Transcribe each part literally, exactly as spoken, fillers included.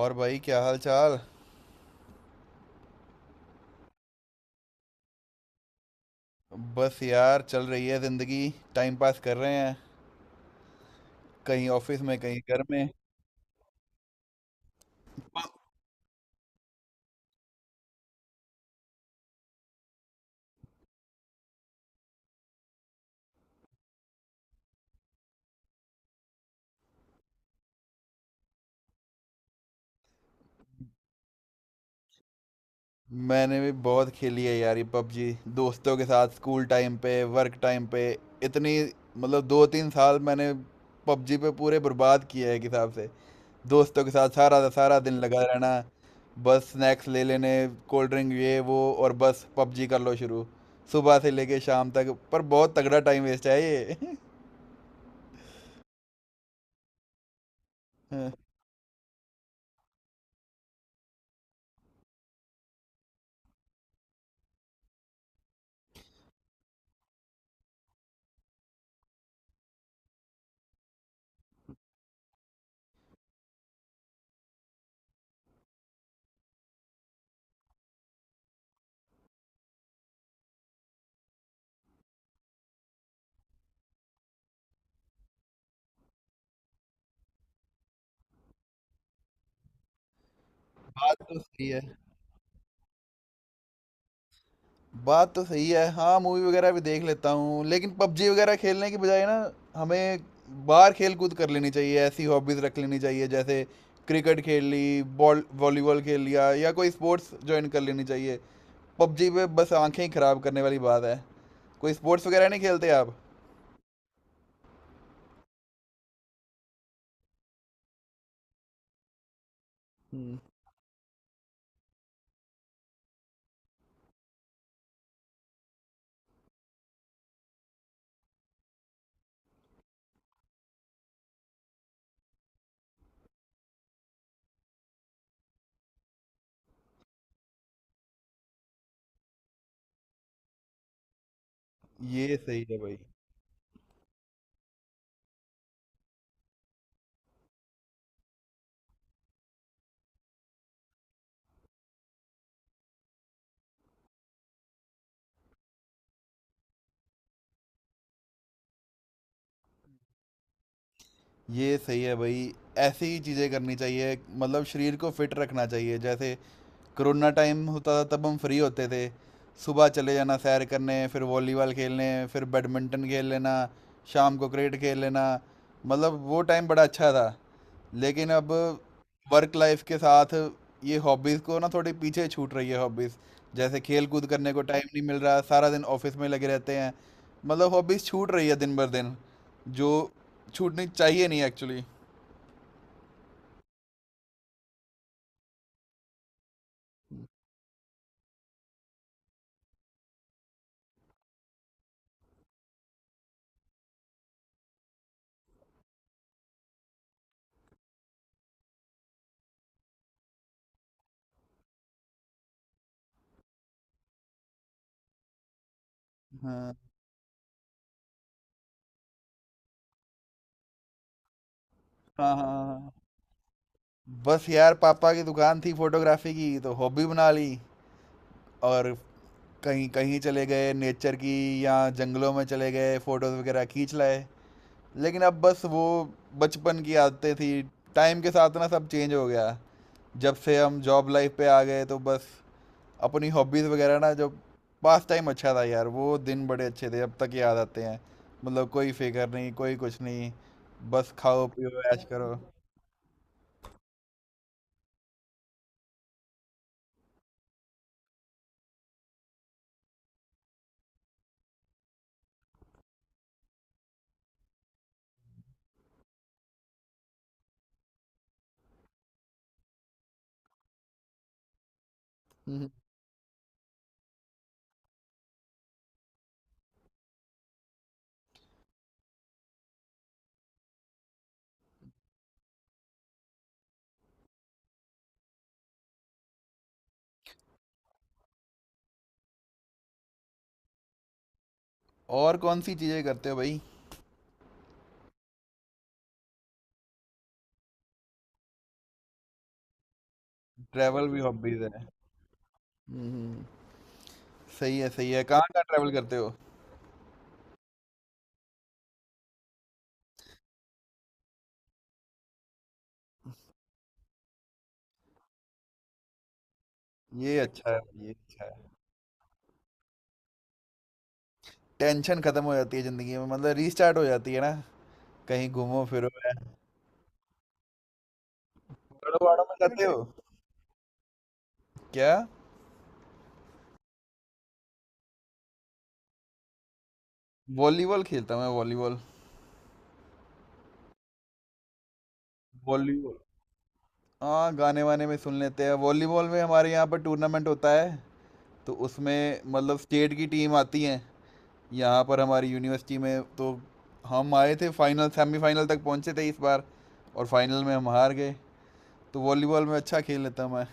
और भाई क्या हाल चाल। बस यार चल रही है जिंदगी। टाइम पास कर रहे हैं। कहीं ऑफिस में कहीं घर में। मैंने भी बहुत खेली है यार ये पबजी दोस्तों के साथ स्कूल टाइम पे वर्क टाइम पे। इतनी मतलब दो तीन साल मैंने पबजी पे पूरे बर्बाद किए हैं एक हिसाब से। दोस्तों के साथ सारा सारा दिन लगा रहना। बस स्नैक्स ले लेने। कोल्ड ड्रिंक ये वो और बस पबजी कर लो शुरू। सुबह से लेके शाम तक पर बहुत तगड़ा टाइम वेस्ट है ये हाँ, बात तो सही है। बात तो सही है हाँ मूवी वगैरह भी देख लेता हूँ लेकिन पबजी वगैरह खेलने की बजाय ना हमें बाहर खेल कूद कर लेनी चाहिए ऐसी हॉबीज़ रख लेनी चाहिए जैसे क्रिकेट खेल ली बॉल वॉलीबॉल खेल लिया या कोई स्पोर्ट्स ज्वाइन कर लेनी चाहिए। पबजी पे बस आंखें ही खराब करने वाली बात है। कोई स्पोर्ट्स वगैरह नहीं खेलते आप। हम्म। ये सही है भाई। ये सही है भाई ऐसी ही चीज़ें करनी चाहिए मतलब शरीर को फिट रखना चाहिए जैसे कोरोना टाइम होता था तब हम फ्री होते थे। सुबह चले जाना सैर करने फिर वॉलीबॉल खेलने फिर बैडमिंटन खेल लेना। शाम को क्रिकेट खेल लेना। मतलब वो टाइम बड़ा अच्छा था लेकिन अब वर्क लाइफ के साथ ये हॉबीज़ को ना थोड़ी पीछे छूट रही है हॉबीज़। जैसे खेल कूद करने को टाइम नहीं मिल रहा सारा दिन ऑफिस में लगे रहते हैं। मतलब हॉबीज छूट रही है दिन भर दिन जो छूटनी चाहिए नहीं एक्चुअली। हाँ हाँ हाँ हाँ। बस यार पापा की दुकान थी फोटोग्राफी की तो हॉबी बना ली और कहीं कहीं चले गए नेचर की या जंगलों में चले गए फोटोज वगैरह खींच लाए। लेकिन अब बस वो बचपन की आदतें थी टाइम के साथ ना सब चेंज हो गया। जब से हम जॉब लाइफ पे आ गए तो बस अपनी हॉबीज़ वगैरह ना जो पास टाइम अच्छा था यार वो दिन बड़े अच्छे थे अब तक याद आते हैं। मतलब कोई फिक्र नहीं कोई कुछ नहीं बस खाओ पियो ऐश करो। हम्म। और कौन सी चीज़ें करते हो भाई। ट्रैवल भी हॉबीज़ है। हम्म। सही है सही है कहाँ कहाँ ट्रैवल करते हो। ये अच्छा है। ये अच्छा है। टेंशन खत्म हो जाती है ज़िंदगी में मतलब रीस्टार्ट हो जाती है ना। कहीं घूमो फिरो पहाड़ों वहाड़ों में जाते हो क्या। वॉलीबॉल खेलता हूँ मैं वॉलीबॉल। वॉलीबॉल। हाँ गाने वाने में सुन लेते हैं वॉलीबॉल में हमारे यहाँ पर टूर्नामेंट होता है। तो उसमें मतलब स्टेट की टीम आती है यहाँ पर हमारी यूनिवर्सिटी में। तो हम आए थे फाइनल सेमीफाइनल तक पहुँचे थे इस बार और फाइनल में हम हार गए। तो वॉलीबॉल में अच्छा खेल लेता मैं।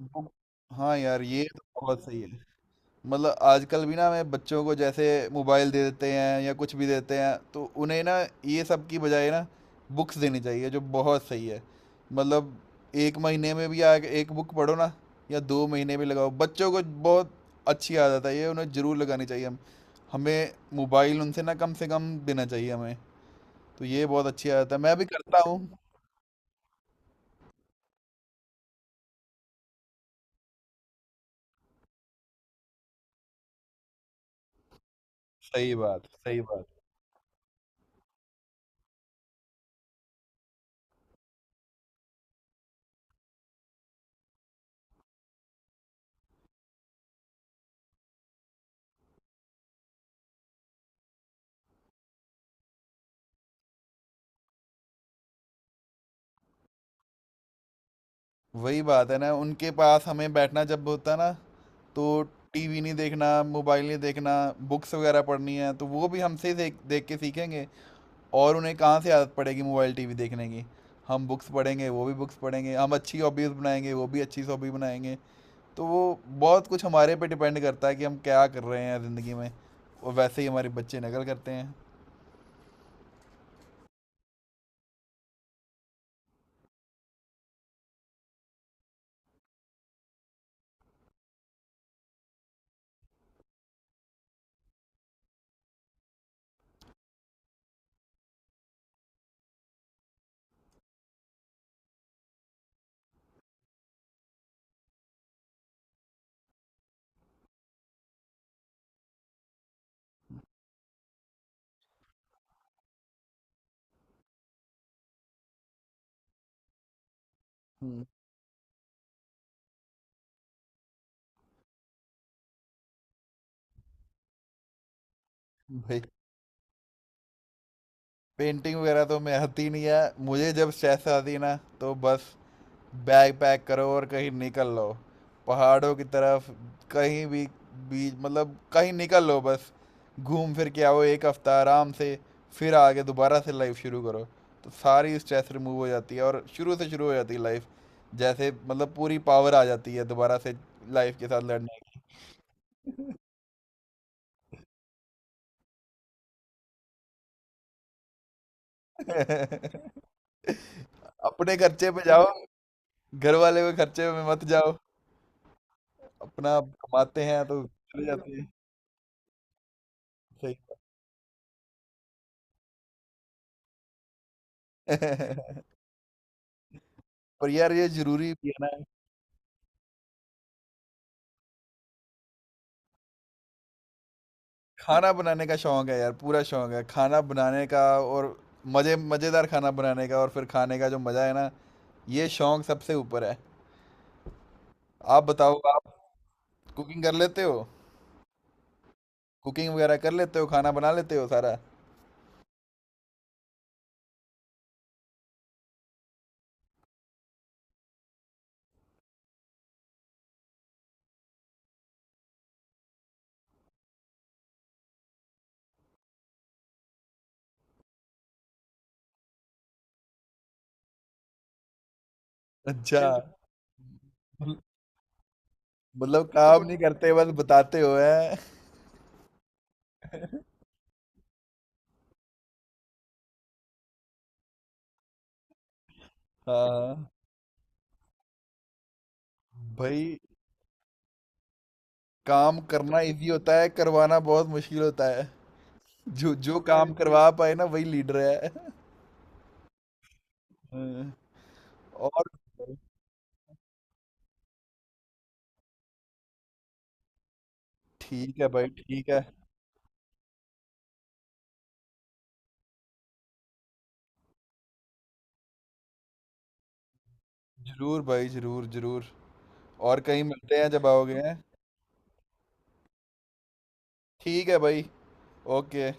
वो- हाँ यार ये तो बहुत सही है। मतलब आजकल भी ना मैं बच्चों को जैसे मोबाइल दे देते हैं या कुछ भी देते हैं तो उन्हें ना ये सब की बजाय ना बुक्स देनी चाहिए जो बहुत सही है। मतलब एक महीने में भी आगे एक बुक पढ़ो ना या दो महीने में लगाओ बच्चों को बहुत अच्छी आदत है ये उन्हें ज़रूर लगानी चाहिए हम हमें मोबाइल उनसे ना कम से कम देना चाहिए हमें। तो ये बहुत अच्छी आदत है मैं भी करता हूँ। सही बात सही बात। वही बात है ना उनके पास हमें बैठना जब होता ना तो टीवी नहीं देखना मोबाइल नहीं देखना बुक्स वगैरह पढ़नी है तो वो भी हमसे ही देख देख के सीखेंगे। और उन्हें कहाँ से आदत पड़ेगी मोबाइल टीवी देखने की। हम बुक्स पढ़ेंगे वो भी बुक्स पढ़ेंगे हम अच्छी हॉबीज़ बनाएंगे वो भी अच्छी हॉबी बनाएंगे। तो वो बहुत कुछ हमारे पे डिपेंड करता है कि हम क्या कर रहे हैं ज़िंदगी में। और वैसे ही हमारे बच्चे नकल करते हैं। हम्म। भाई पेंटिंग वगैरह तो मैं आती नहीं है। मुझे जब स्ट्रेस आती ना तो बस बैग पैक करो और कहीं निकल लो पहाड़ों की तरफ कहीं भी बीच मतलब कहीं निकल लो बस। घूम फिर के आओ एक हफ्ता आराम से। फिर आगे दोबारा से लाइफ शुरू करो। तो सारी स्ट्रेस रिमूव हो जाती है और शुरू से शुरू हो जाती है लाइफ। जैसे मतलब पूरी पावर आ जाती है दोबारा से लाइफ के साथ लड़ने की। अपने खर्चे पे जाओ। घर वाले के खर्चे पे मत जाओ। अपना कमाते हैं तो चले जाते हैं। सही। पर यार ये जरूरी भी है। खाना बनाने का शौक है यार पूरा शौक है खाना बनाने का और मजे मजेदार खाना बनाने का और फिर खाने का जो मजा है ना ये शौक सबसे ऊपर है। आप बताओ आप कुकिंग कर लेते हो। कुकिंग वगैरह कर लेते हो खाना बना लेते हो सारा। अच्छा मतलब काम नहीं करते बस बताते हो है। हाँ भाई काम करना इजी होता है करवाना बहुत मुश्किल होता है। जो जो काम करवा पाए ना वही लीडर है। हाँ, और ठीक है भाई ठीक है। जरूर भाई जरूर जरूर। और कहीं मिलते हैं जब आओगे हैं। ठीक है भाई। ओके।